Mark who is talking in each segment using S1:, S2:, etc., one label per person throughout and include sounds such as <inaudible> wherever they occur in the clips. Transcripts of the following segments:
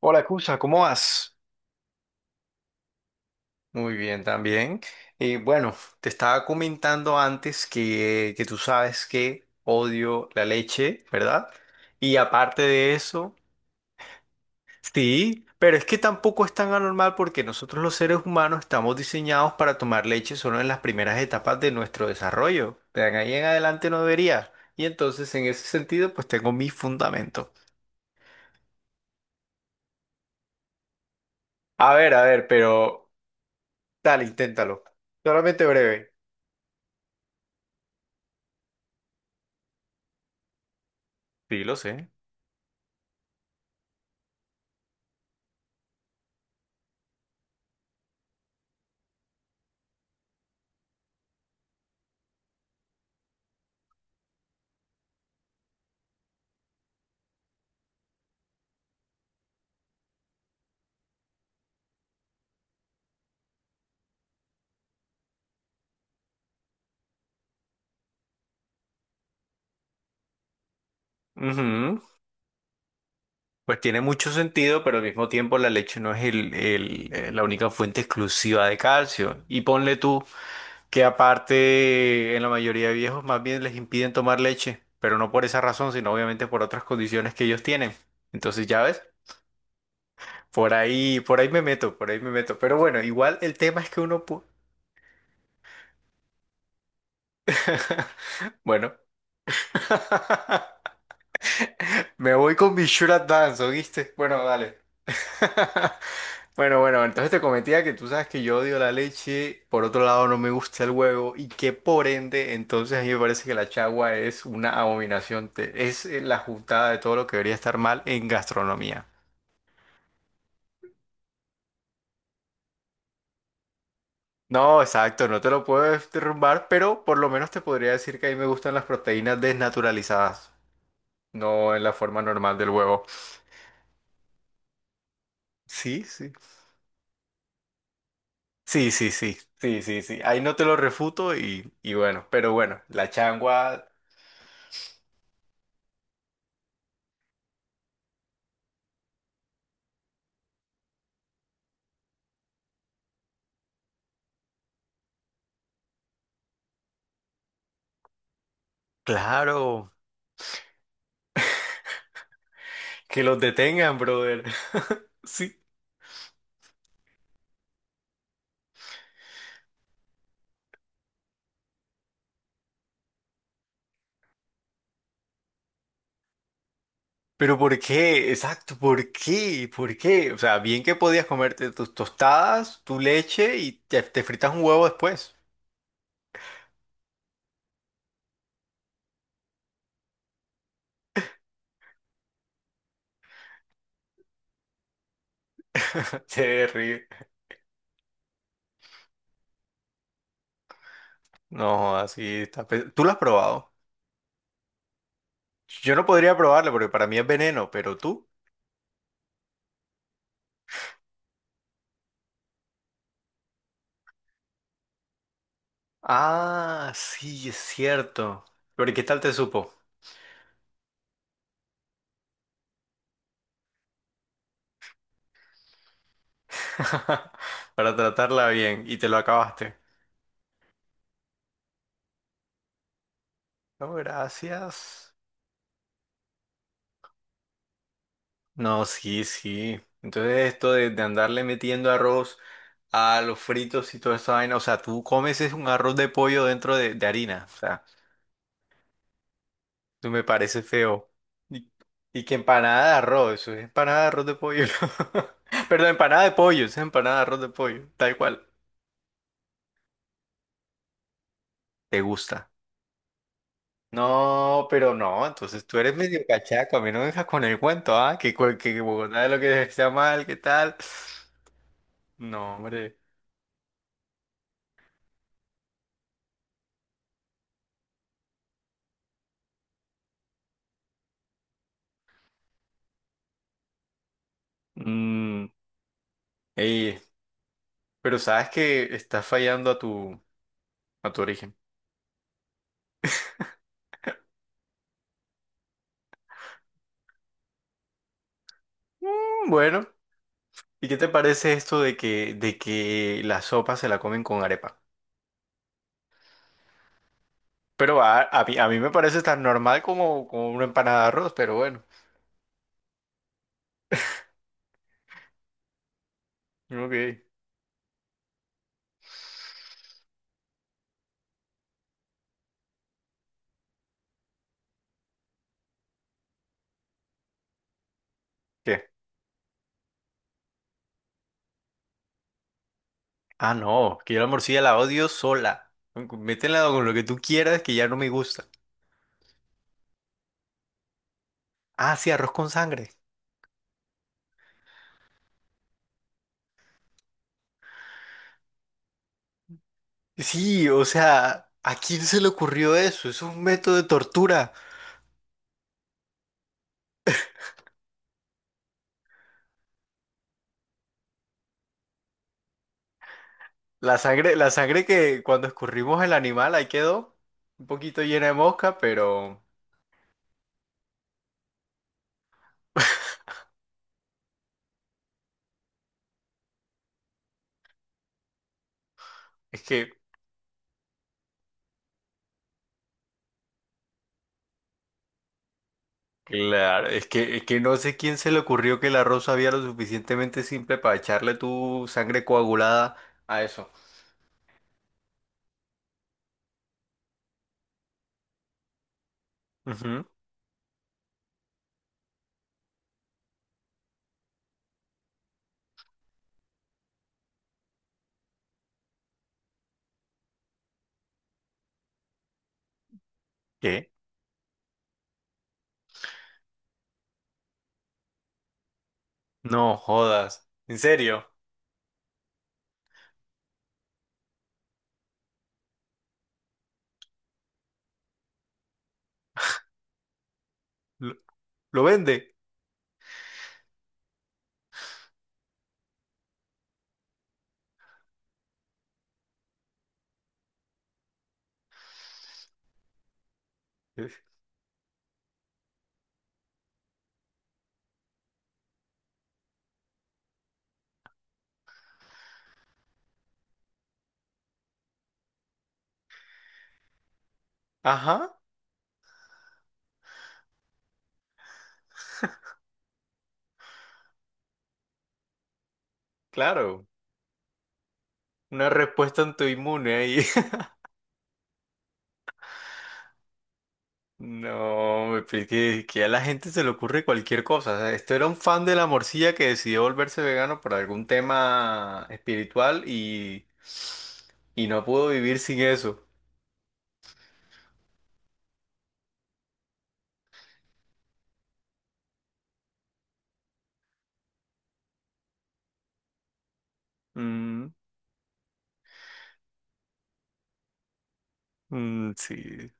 S1: Hola, Cusa, ¿cómo vas? Muy bien, también. Y bueno, te estaba comentando antes que tú sabes que odio la leche, ¿verdad? Y aparte de eso, sí, pero es que tampoco es tan anormal porque nosotros los seres humanos estamos diseñados para tomar leche solo en las primeras etapas de nuestro desarrollo. De ahí en adelante no debería. Y entonces, en ese sentido, pues tengo mi fundamento. A ver, pero dale, inténtalo. Solamente breve. Sí, lo sé. Ujú. Pues tiene mucho sentido, pero al mismo tiempo la leche no es la única fuente exclusiva de calcio. Y ponle tú que aparte en la mayoría de viejos más bien les impiden tomar leche, pero no por esa razón, sino obviamente por otras condiciones que ellos tienen. Entonces, ya ves, por ahí me meto, por ahí me meto. Pero bueno, igual el tema es que uno... <laughs> Bueno, <laughs> me voy con mi Sure Advance, ¿oíste? Bueno, dale. <laughs> Bueno, bueno, entonces te cometía que tú sabes que yo odio la leche, por otro lado no me gusta el huevo y que por ende, entonces a mí me parece que la chagua es una abominación, es la juntada de todo lo que debería estar mal en gastronomía. No, exacto, no te lo puedo derrumbar, pero por lo menos te podría decir que a mí me gustan las proteínas desnaturalizadas, no en la forma normal del huevo. Sí, sí. Sí, sí, sí, sí, sí, sí. Ahí no te lo refuto y bueno, pero bueno, la changua, claro. Que los detengan, brother. <laughs> Sí. Pero ¿por qué? Exacto, ¿por qué? ¿Por qué? O sea, bien que podías comerte tus tostadas, tu leche y te fritas un huevo después. <laughs> Terrible. No, así está. ¿Tú lo has probado? Yo no podría probarlo porque para mí es veneno, pero tú. Ah, sí, es cierto. Pero, ¿y qué tal te supo? <laughs> Para tratarla bien y te lo acabaste. No, gracias. No, sí, sí. Entonces esto de andarle metiendo arroz a los fritos y toda esa vaina, o sea, tú comes es un arroz de pollo dentro de harina, o sea, tú me parece feo. Y, y que empanada de arroz, eso es empanada de arroz de pollo. <laughs> Perdón, empanada de pollo, eso es empanada de arroz de pollo, tal cual. ¿Te gusta? No, pero no, entonces tú eres medio cachaco, a mí no me dejas con el cuento, ¿ah? Que, que Bogotá es lo que está mal, ¿qué tal? No, hombre. Mm, ey. Pero sabes que estás fallando a a tu origen. Bueno, ¿y qué te parece esto de que la sopa se la comen con arepa? Pero a mí me parece tan normal como una empanada de arroz, pero bueno. Ok. ¿Qué? Ah, no, que yo la morcilla la odio sola. Métela con lo que tú quieras que ya no me gusta. Ah, sí, arroz con sangre. Sí, o sea, ¿a quién se le ocurrió eso? Es un método de tortura. La sangre que cuando escurrimos el animal ahí quedó un poquito llena de mosca, pero <laughs> es que, claro, es que no sé quién se le ocurrió que el arroz había lo suficientemente simple para echarle tu sangre coagulada a eso. Ujú. ¿Qué? No jodas. ¿En serio? ¿Lo, lo vende? Ajá, claro. Una respuesta autoinmune ahí. No, me expliqué que a la gente se le ocurre cualquier cosa. O sea, esto era un fan de la morcilla que decidió volverse vegano por algún tema espiritual y no pudo vivir sin eso. Mm, mm, sí.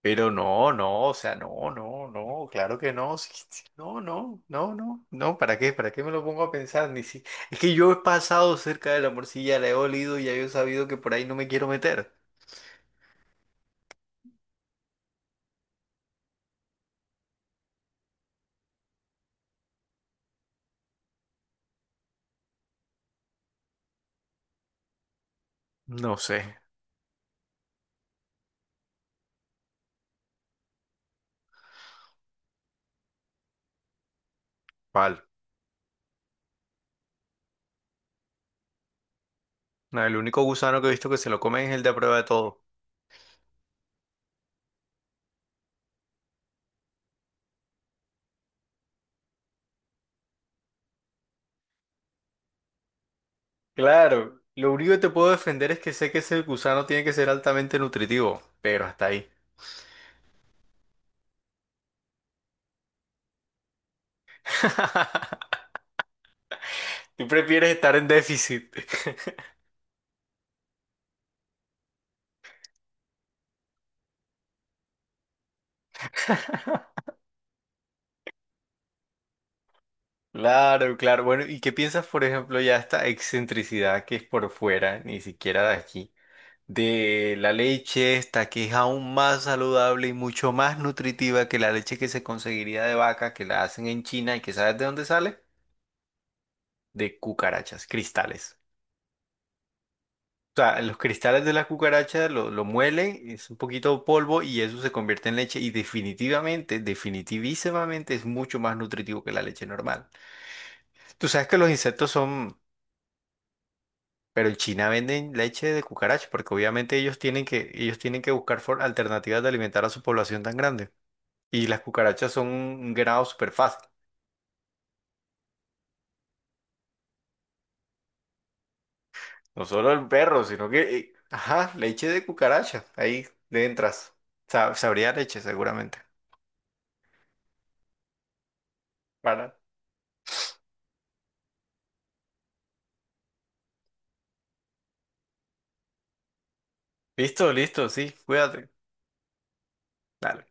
S1: Pero no, no, o sea, no, no, no, claro que no. Sí, sí, no, no, no, no, no, ¿para qué? ¿Para qué me lo pongo a pensar? Ni si... Es que yo he pasado cerca de la morcilla, la he olido y ya yo he sabido que por ahí no me quiero meter. No sé. Vale. No, el único gusano que he visto que se lo comen es el de a prueba de todo. Claro, lo único que te puedo defender es que sé que ese gusano tiene que ser altamente nutritivo, pero hasta ahí. <laughs> Tú prefieres estar en déficit. <laughs> Claro, claro. Bueno, ¿y qué piensas, por ejemplo, ya esta excentricidad que es por fuera, ni siquiera de aquí, de la leche esta que es aún más saludable y mucho más nutritiva que la leche que se conseguiría de vaca, que la hacen en China y que sabes de dónde sale? De cucarachas, cristales. Sea, los cristales de la cucaracha lo muelen, es un poquito de polvo y eso se convierte en leche y definitivamente, definitivísimamente es mucho más nutritivo que la leche normal. Tú sabes que los insectos son, pero en China venden leche de cucaracha porque obviamente ellos tienen que buscar alternativas de alimentar a su población tan grande. Y las cucarachas son un ganado súper fácil. No solo el perro, sino que, ajá, leche de cucaracha, ahí le entras. Sabría leche seguramente. Para. Listo, listo, sí, cuídate. Dale.